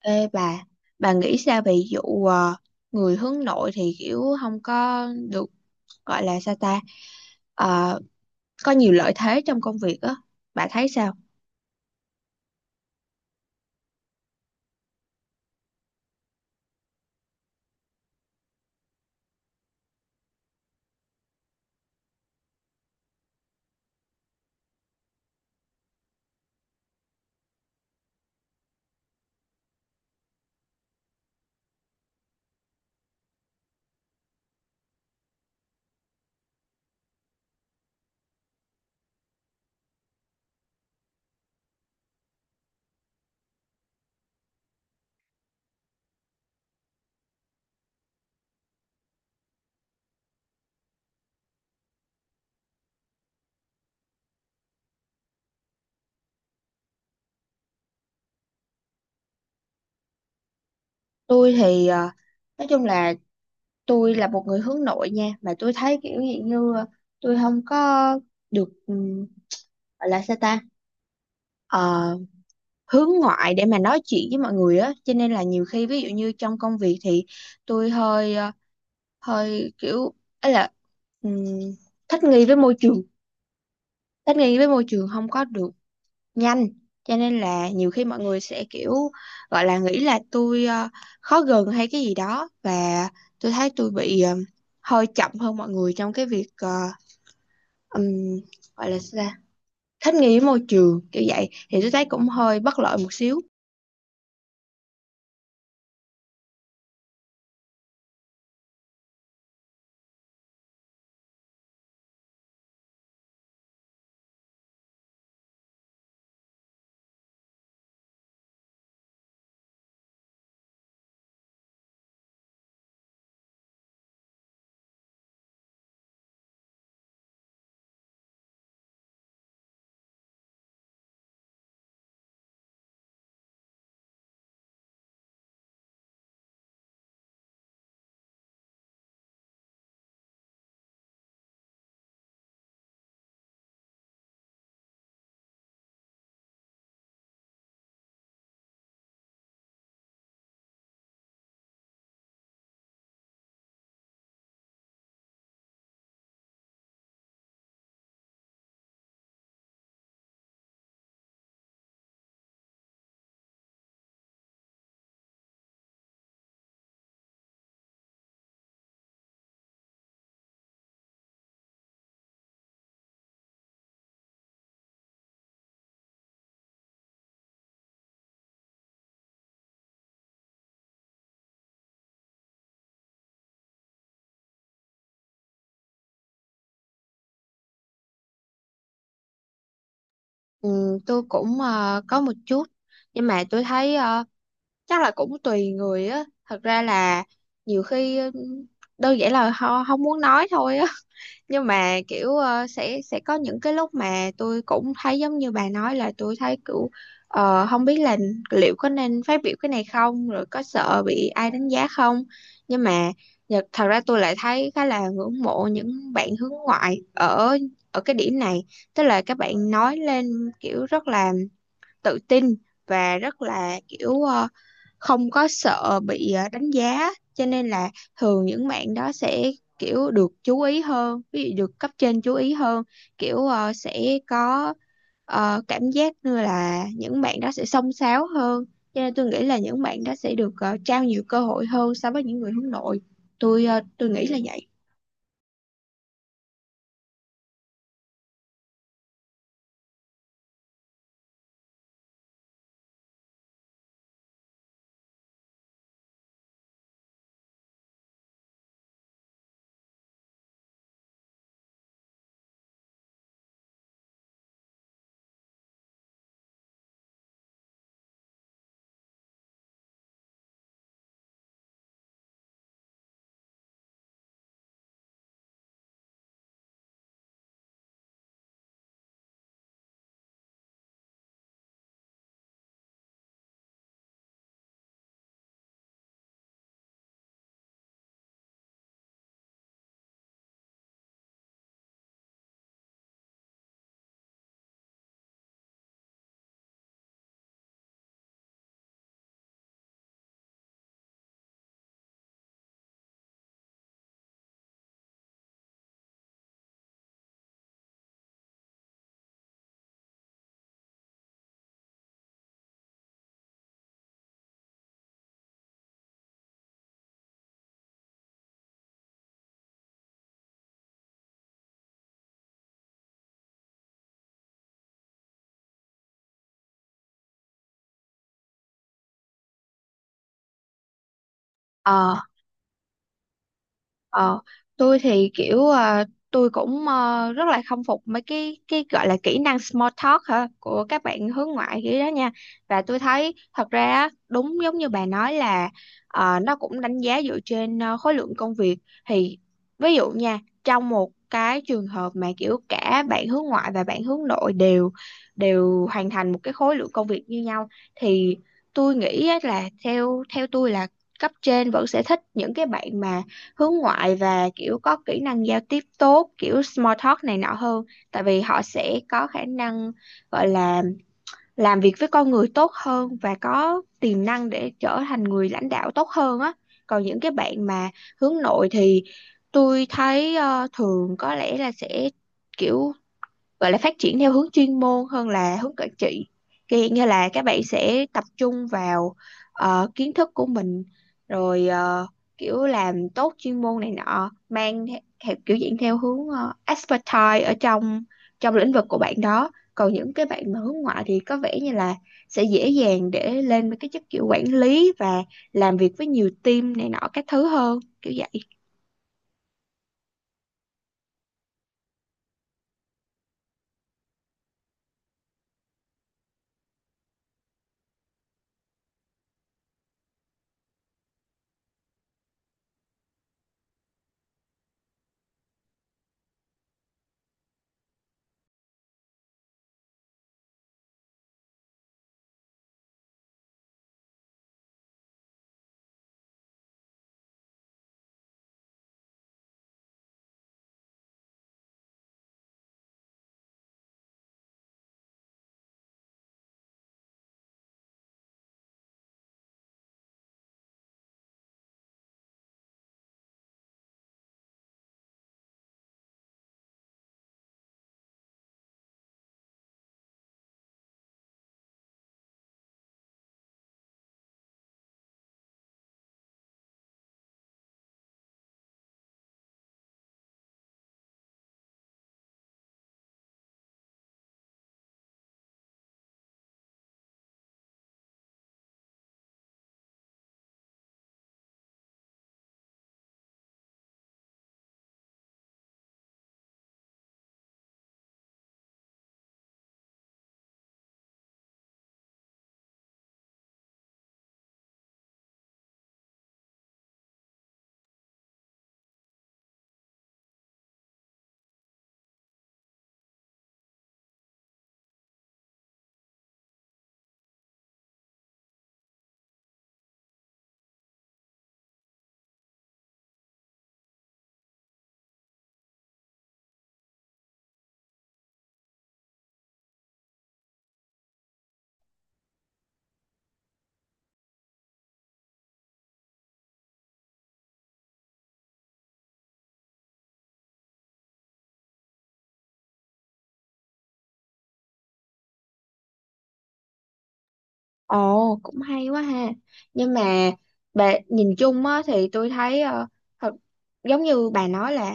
Ê bà nghĩ sao về vụ người hướng nội thì kiểu không có được gọi là sao ta Ờ, có nhiều lợi thế trong công việc á, bà thấy sao? Tôi thì nói chung là tôi là một người hướng nội nha, mà tôi thấy kiểu gì như tôi không có được gọi là sao ta ờ, hướng ngoại để mà nói chuyện với mọi người á, cho nên là nhiều khi ví dụ như trong công việc thì tôi hơi hơi kiểu ấy ừm, thích nghi với môi trường, thích nghi với môi trường không có được nhanh, cho nên là nhiều khi mọi người sẽ kiểu gọi là nghĩ là tôi khó gần hay cái gì đó, và tôi thấy tôi bị hơi chậm hơn mọi người trong cái việc ừm, gọi là sao ta? Thích nghi với môi trường kiểu vậy thì tôi thấy cũng hơi bất lợi một xíu. Tôi cũng có một chút, nhưng mà tôi thấy chắc là cũng tùy người á, thật ra là nhiều khi ừ, đơn giản là họ không muốn nói thôi á. Nhưng mà kiểu sẽ có những cái lúc mà tôi cũng thấy giống như bà nói, là tôi thấy kiểu không biết là liệu có nên phát biểu cái này không, rồi có sợ bị ai đánh giá không, nhưng mà thật ra tôi lại thấy khá là ngưỡng mộ những bạn hướng ngoại ở ở cái điểm này, tức là các bạn nói lên kiểu rất là tự tin và rất là kiểu không có sợ bị đánh giá, cho nên là thường những bạn đó sẽ kiểu được chú ý hơn, ví dụ được cấp trên chú ý hơn, kiểu sẽ có cảm giác như là những bạn đó sẽ xông xáo hơn, cho nên tôi nghĩ là những bạn đó sẽ được trao nhiều cơ hội hơn so với những người hướng nội. Tôi nghĩ là vậy. Ờ, ờ, tôi thì kiểu à, tôi cũng rất là khâm phục mấy cái gọi là kỹ năng small talk hả, của các bạn hướng ngoại kiểu đó nha. Và tôi thấy thật ra á, đúng giống như bà nói là nó cũng đánh giá dựa trên khối lượng công việc. Thì ví dụ nha, trong một cái trường hợp mà kiểu cả bạn hướng ngoại và bạn hướng nội đều đều hoàn thành một cái khối lượng công việc như nhau, thì tôi nghĩ á là theo theo tôi là cấp trên vẫn sẽ thích những cái bạn mà hướng ngoại và kiểu có kỹ năng giao tiếp tốt, kiểu small talk này nọ hơn, tại vì họ sẽ có khả năng gọi là làm việc với con người tốt hơn, và có tiềm năng để trở thành người lãnh đạo tốt hơn á. Còn những cái bạn mà hướng nội thì tôi thấy thường có lẽ là sẽ kiểu gọi là phát triển theo hướng chuyên môn hơn là hướng quản trị, kiểu hiện như là các bạn sẽ tập trung vào kiến thức của mình, rồi kiểu làm tốt chuyên môn này nọ, theo kiểu diễn theo hướng expertise ở trong trong lĩnh vực của bạn đó. Còn những cái bạn mà hướng ngoại thì có vẻ như là sẽ dễ dàng để lên với cái chức kiểu quản lý, và làm việc với nhiều team này nọ các thứ hơn, kiểu vậy. Ồ, cũng hay quá ha. Nhưng mà bà nhìn chung á thì tôi thấy thật, giống như bà nói là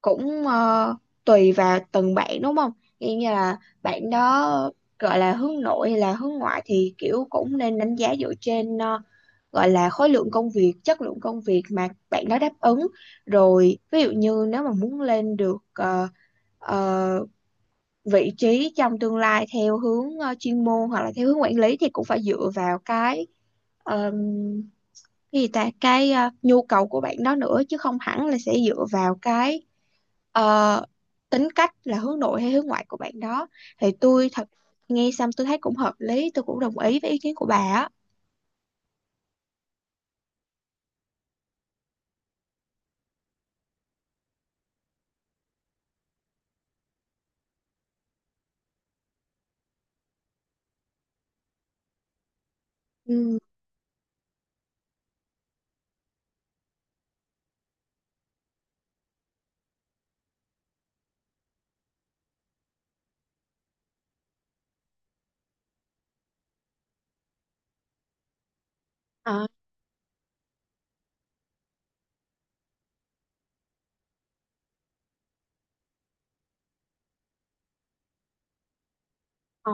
cũng tùy vào từng bạn đúng không? Như như là bạn đó gọi là hướng nội hay là hướng ngoại, thì kiểu cũng nên đánh giá dựa trên gọi là khối lượng công việc, chất lượng công việc mà bạn đó đáp ứng. Rồi ví dụ như nếu mà muốn lên được uh, vị trí trong tương lai theo hướng chuyên môn hoặc là theo hướng quản lý, thì cũng phải dựa vào ờm, cái gì ta, cái nhu cầu của bạn đó nữa, chứ không hẳn là sẽ dựa vào cái ờ, tính cách là hướng nội hay hướng ngoại của bạn đó. Thì tôi thật nghe xong tôi thấy cũng hợp lý, tôi cũng đồng ý với ý kiến của bà á. Ừ. Ờ. Ờ.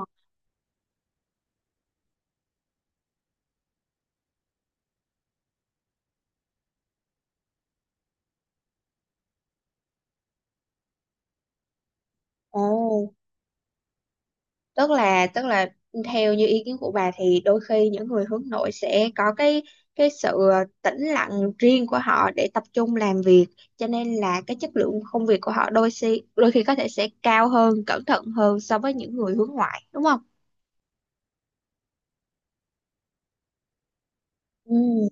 Ồ, tức là theo như ý kiến của bà thì đôi khi những người hướng nội sẽ có cái sự tĩnh lặng riêng của họ để tập trung làm việc, cho nên là cái chất lượng công việc của họ đôi khi có thể sẽ cao hơn, cẩn thận hơn so với những người hướng ngoại đúng không? Ừ.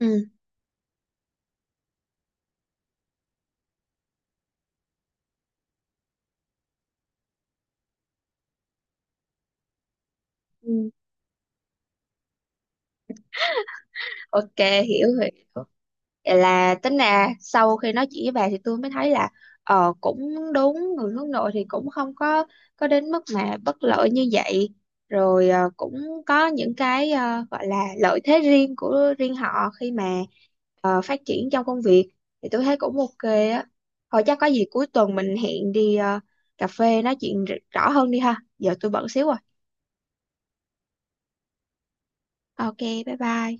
Ừ. Ừ. Ok, hiểu hiểu. Vậy là tính ra sau khi nói chuyện với bà thì tôi mới thấy là ờ, cũng đúng, người hướng nội thì cũng không có có đến mức mà bất lợi như vậy, rồi cũng có những cái gọi là lợi thế riêng của riêng họ, khi mà phát triển trong công việc, thì tôi thấy cũng ok á. Thôi chắc có gì cuối tuần mình hẹn đi cà phê nói chuyện rõ hơn đi ha, giờ tôi bận xíu rồi. Ok, bye bye.